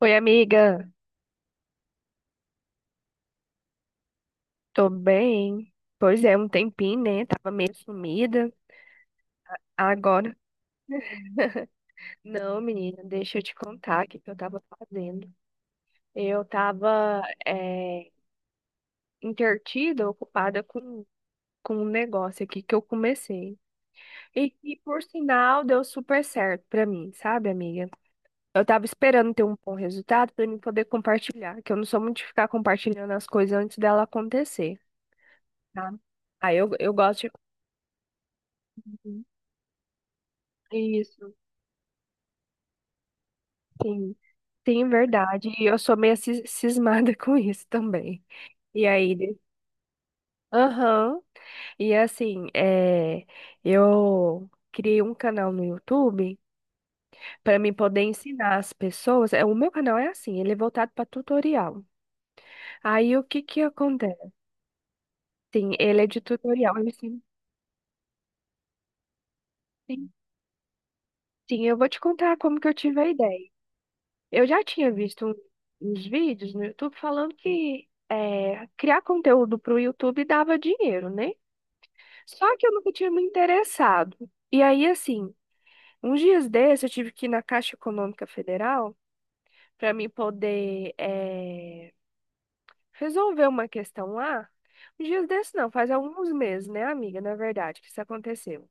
Oi, amiga. Tô bem. Pois é, um tempinho, né? Tava meio sumida. Agora. Não, menina, deixa eu te contar o que que eu tava fazendo. Eu tava entretida, ocupada com um negócio aqui que eu comecei. E que, por sinal, deu super certo pra mim, sabe, amiga? Eu tava esperando ter um bom resultado pra mim poder compartilhar, que eu não sou muito de ficar compartilhando as coisas antes dela acontecer, tá? Aí eu gosto de. Isso, sim. Sim, verdade. E eu sou meio cismada com isso também. E aí, de- aham. E assim, é, eu criei um canal no YouTube para mim poder ensinar as pessoas. É, o meu canal é assim, ele é voltado para tutorial. Aí o que que acontece? Sim, ele é de tutorial. Eu ensino- sim, sim, eu vou te contar como que eu tive a ideia. Eu já tinha visto um- uns vídeos no YouTube falando que criar conteúdo para o YouTube dava dinheiro, né? Só que eu nunca tinha me interessado. E aí, assim, uns dias desses eu tive que ir na Caixa Econômica Federal para me poder resolver uma questão lá. Uns dias desses não, faz alguns meses, né, amiga? Na verdade, que isso aconteceu.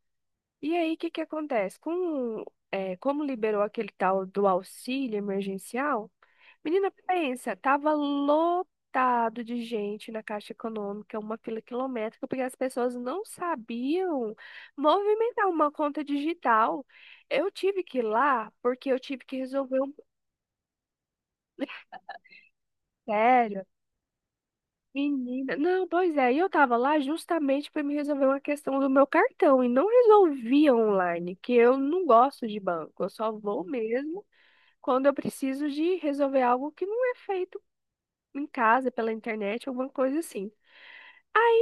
E aí, o que que acontece? Como liberou aquele tal do auxílio emergencial, menina, pensa, tava lotado de gente na Caixa Econômica, uma fila quilométrica, porque as pessoas não sabiam movimentar uma conta digital. Eu tive que ir lá porque eu tive que resolver um sério. Menina, não, pois é, e eu tava lá justamente para me resolver uma questão do meu cartão e não resolvia online, que eu não gosto de banco, eu só vou mesmo quando eu preciso de resolver algo que não é feito em casa, pela internet, alguma coisa assim.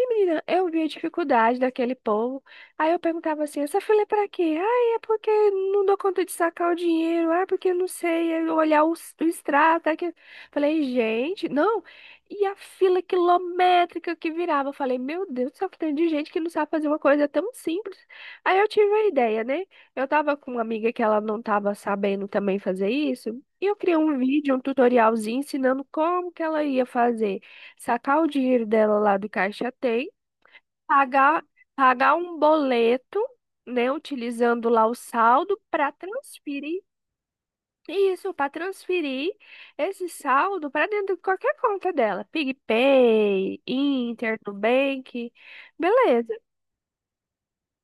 Menina, eu vi a dificuldade daquele povo. Aí eu perguntava assim, essa fila é pra quê? Ah, é porque não dou conta de sacar o dinheiro. Ah, porque eu não sei é olhar o, o extrato. Tá aqui." Falei, gente, não. E a fila quilométrica que virava. Eu falei, meu Deus do céu, que tem de gente que não sabe fazer uma coisa tão simples. Aí eu tive a ideia, né? Eu tava com uma amiga que ela não tava sabendo também fazer isso. E eu criei um vídeo, um tutorialzinho ensinando como que ela ia fazer sacar o dinheiro dela lá do caixa tem pagar, pagar um boleto, né, utilizando lá o saldo para transferir isso, para transferir esse saldo para dentro de qualquer conta dela, PicPay, Inter, Nubank, beleza.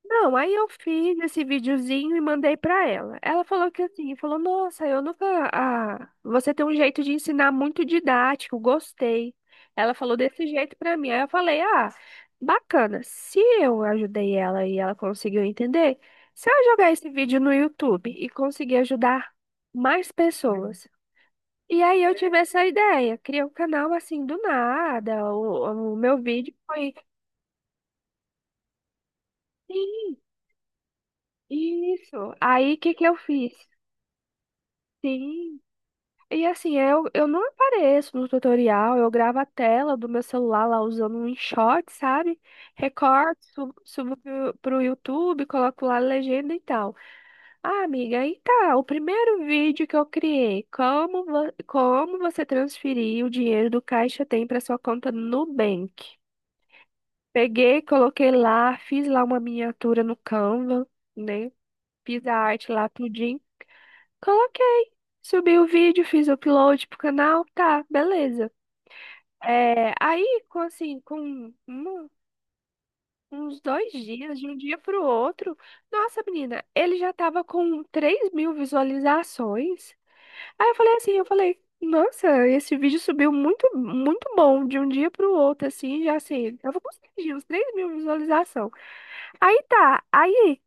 Não, aí eu fiz esse videozinho e mandei pra ela. Ela falou que assim, falou, nossa, eu nunca. Ah, você tem um jeito de ensinar muito didático, gostei. Ela falou desse jeito pra mim. Aí eu falei, ah, bacana. Se eu ajudei ela e ela conseguiu entender, se eu jogar esse vídeo no YouTube e conseguir ajudar mais pessoas. E aí eu tive essa ideia, criei um canal assim do nada. O meu vídeo foi. Sim, isso. Aí o que que eu fiz? Sim. E assim, eu não apareço no tutorial, eu gravo a tela do meu celular lá usando um InShot, sabe? Recorto, subo pro YouTube, coloco lá a legenda e tal. Ah, amiga, aí tá, o primeiro vídeo que eu criei, como, como você transferir o dinheiro do Caixa Tem para sua conta no Nubank. Peguei, coloquei lá, fiz lá uma miniatura no Canva, né? Fiz a arte lá, tudo. Coloquei. Subi o vídeo, fiz o upload pro canal, tá, beleza. É, aí, com assim, um- uns dois dias, de um dia pro outro, nossa, menina, ele já tava com 3 mil visualizações. Aí eu falei assim, eu falei, nossa, esse vídeo subiu muito, muito bom, de um dia pro outro, assim, já assim, tava conseguindo uns 3 mil visualizações. Aí tá, aí.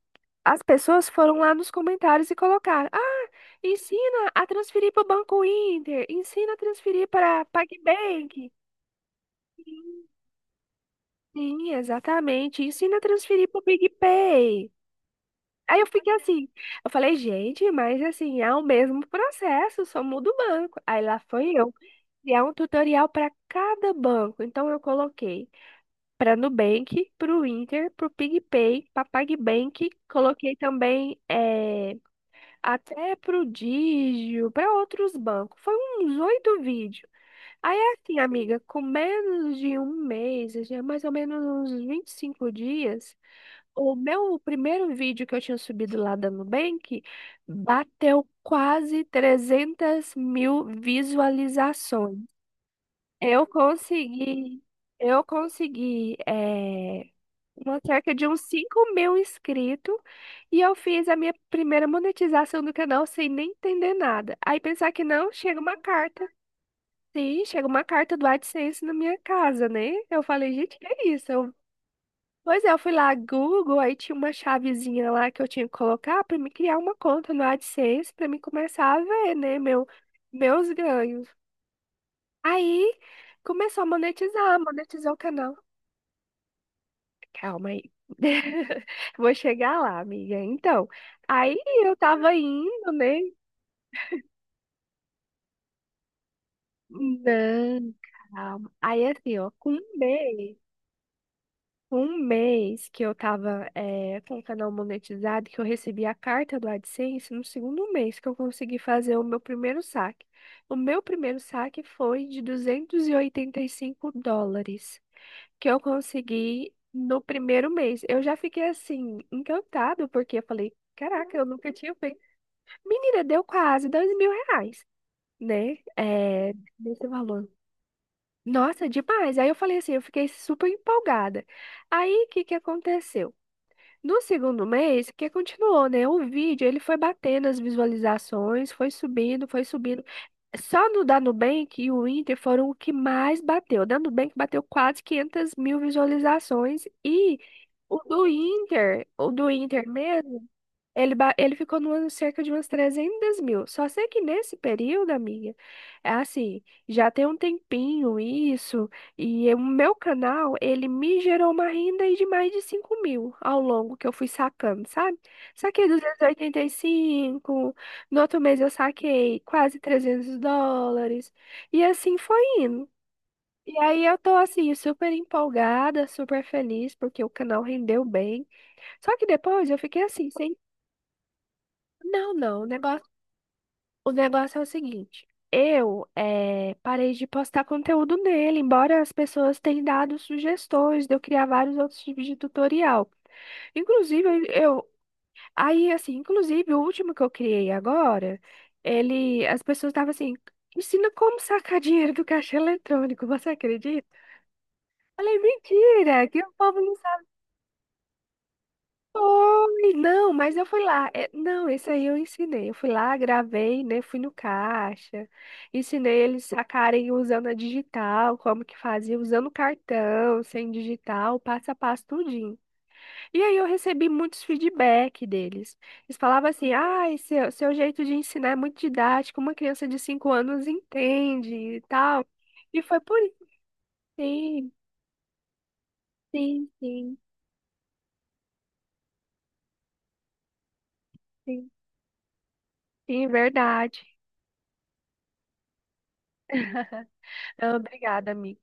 As pessoas foram lá nos comentários e colocaram: ah, ensina a transferir para o Banco Inter, ensina a transferir para PagBank. Sim, exatamente, ensina a transferir para o PicPay. Aí eu fiquei assim, eu falei, gente, mas assim, é o mesmo processo, só muda o banco. Aí lá foi eu criar um tutorial para cada banco. Então eu coloquei para Nubank, para o Inter, para o PicPay, para PagBank, coloquei também até Prodígio, para outros bancos. Foi uns 8 vídeos. Aí, assim, amiga, com menos de um mês, assim, é mais ou menos uns 25 dias, o meu primeiro vídeo que eu tinha subido lá da Nubank bateu quase 300 mil visualizações. Eu consegui, eu consegui uma cerca de uns 5 mil inscritos e eu fiz a minha primeira monetização do canal sem nem entender nada. Aí pensar que não, chega uma carta. Sim, chega uma carta do AdSense na minha casa, né? Eu falei, gente, que é isso? Eu- pois é, eu fui lá Google, aí tinha uma chavezinha lá que eu tinha que colocar para me criar uma conta no AdSense para me começar a ver, né, meu, meus ganhos. Aí começou a monetizar, monetizou o canal. Calma aí. Vou chegar lá, amiga. Então, aí eu tava indo, né? Não, calma. Aí assim, ó, com um mês que eu tava com o canal monetizado, que eu recebi a carta do AdSense, no segundo mês que eu consegui fazer o meu primeiro saque. O meu primeiro saque foi de duzentos e oitenta e cinco dólares, que eu consegui no primeiro mês. Eu já fiquei assim, encantado, porque eu falei, caraca, eu nunca tinha feito. Menina, deu quase R$ 2.000, né? É, nesse valor. Nossa, demais. Aí eu falei assim, eu fiquei super empolgada. Aí, o que que aconteceu? No segundo mês, que continuou, né? O vídeo, ele foi batendo as visualizações, foi subindo, foi subindo. Só no da Nubank e o Inter foram o que mais bateu. O da Nubank bateu quase 500 mil visualizações e o do Inter mesmo. Ele, ele ficou no ano cerca de umas 300 mil. Só sei que nesse período, amiga, é assim, já tem um tempinho isso, e o meu canal, ele me gerou uma renda aí de mais de 5 mil ao longo que eu fui sacando, sabe? Saquei 285, no outro mês eu saquei quase US$ 300, e assim foi indo. E aí eu tô assim, super empolgada, super feliz, porque o canal rendeu bem. Só que depois eu fiquei assim, sem não, não. O negócio é o seguinte. Eu parei de postar conteúdo nele, embora as pessoas tenham dado sugestões de eu criar vários outros tipos de tutorial. Inclusive, aí assim, inclusive o último que eu criei agora, ele, as pessoas estavam assim, ensina como sacar dinheiro do caixa eletrônico, você acredita? Falei, mentira, que o povo não oi, não, mas eu fui lá. É, não, esse aí eu ensinei. Eu fui lá, gravei, né? Fui no caixa, ensinei eles sacarem usando a digital, como que fazia, usando cartão, sem digital, passo a passo, tudinho. E aí eu recebi muitos feedback deles. Eles falavam assim: ah, seu jeito de ensinar é muito didático, uma criança de 5 anos entende e tal. E foi por isso. Sim, sim, sim, sim, sim, verdade. Não, obrigada, amiga.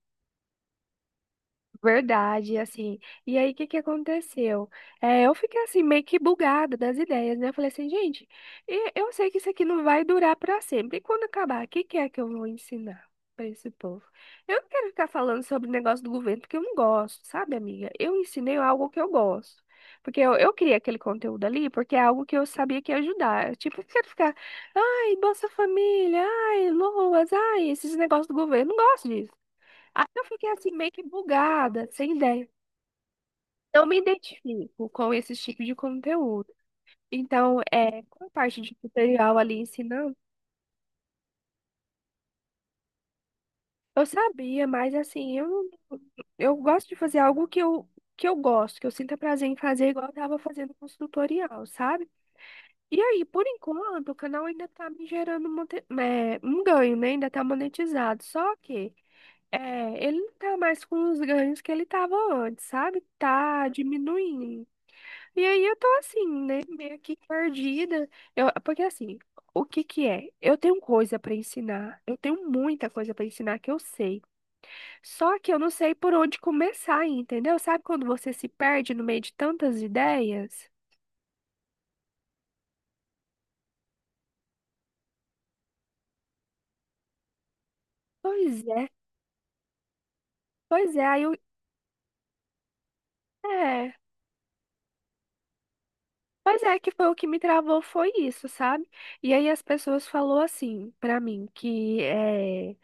Verdade, assim. E aí, o que que aconteceu? É, eu fiquei assim, meio que bugada das ideias, né? Eu falei assim, gente, eu sei que isso aqui não vai durar para sempre. E quando acabar, o que que é que eu vou ensinar para esse povo? Eu não quero ficar falando sobre o negócio do governo, porque eu não gosto, sabe, amiga? Eu ensinei algo que eu gosto. Porque eu criei aquele conteúdo ali, porque é algo que eu sabia que ia ajudar. Tipo, eu quero ficar, ai, Bolsa Família, ai, Loas, ai, esses negócios do governo. Eu não gosto disso. Aí eu fiquei assim, meio que bugada, sem ideia. Não me identifico com esse tipo de conteúdo. Então, é, com a parte de tutorial ali ensinando, eu sabia, mas assim, eu gosto de fazer algo que que eu gosto, que eu sinta prazer em fazer, igual eu tava fazendo com o tutorial, sabe? E aí, por enquanto, o canal ainda tá me gerando um ganho, né? Ainda tá monetizado. Só que é, ele não tá mais com os ganhos que ele tava antes, sabe? Tá diminuindo. E aí eu tô assim, né, meio que perdida. Eu, porque assim, o que que é? Eu tenho coisa pra ensinar, eu tenho muita coisa pra ensinar que eu sei. Só que eu não sei por onde começar, entendeu? Sabe quando você se perde no meio de tantas ideias? Pois é, pois é, aí eu, é, pois é que foi o que me travou foi isso, sabe? E aí as pessoas falou assim pra mim que é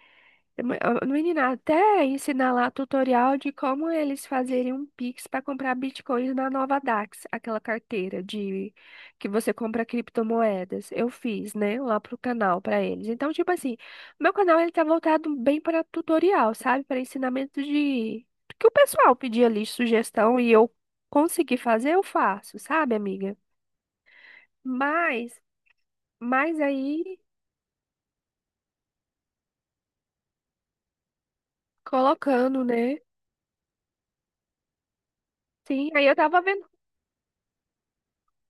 menina, até ensinar lá tutorial de como eles fazerem um Pix para comprar bitcoins na nova DAX, aquela carteira de que você compra criptomoedas. Eu fiz, né, lá pro canal para eles. Então, tipo assim, meu canal ele tá voltado bem para tutorial, sabe? Para ensinamento de que o pessoal pedia ali sugestão e eu consegui fazer, eu faço, sabe, amiga? Mas, mas aí colocando, né? Sim, aí eu tava vendo.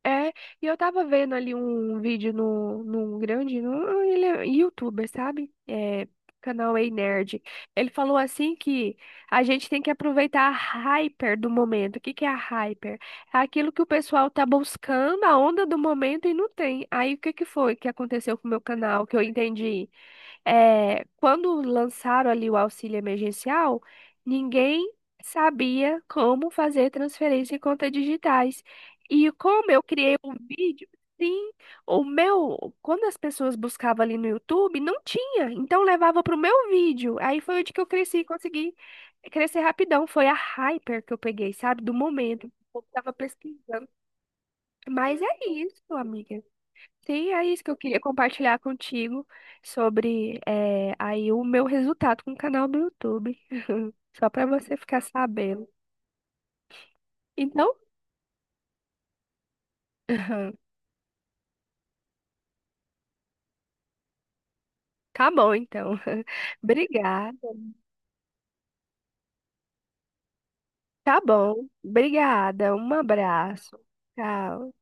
É, e eu tava vendo ali um vídeo no, num grande, no, ele é youtuber, sabe? É, canal Ei Nerd. Ele falou assim que a gente tem que aproveitar a hyper do momento. O que que é a hyper? É aquilo que o pessoal tá buscando, a onda do momento e não tem. Aí o que que foi que aconteceu com o meu canal, que eu entendi? É, quando lançaram ali o auxílio emergencial, ninguém sabia como fazer transferência em contas digitais. E como eu criei um vídeo, sim, o meu, quando as pessoas buscavam ali no YouTube, não tinha, então levava para o meu vídeo. Aí foi onde que eu cresci, consegui crescer rapidão. Foi a hyper que eu peguei, sabe, do momento. O povo tava pesquisando. Mas é isso, amiga. Sim, é isso que eu queria compartilhar contigo sobre aí o meu resultado com o canal do YouTube. Só para você ficar sabendo. Então, tá bom, então. Obrigada. Tá bom. Obrigada. Um abraço. Tchau.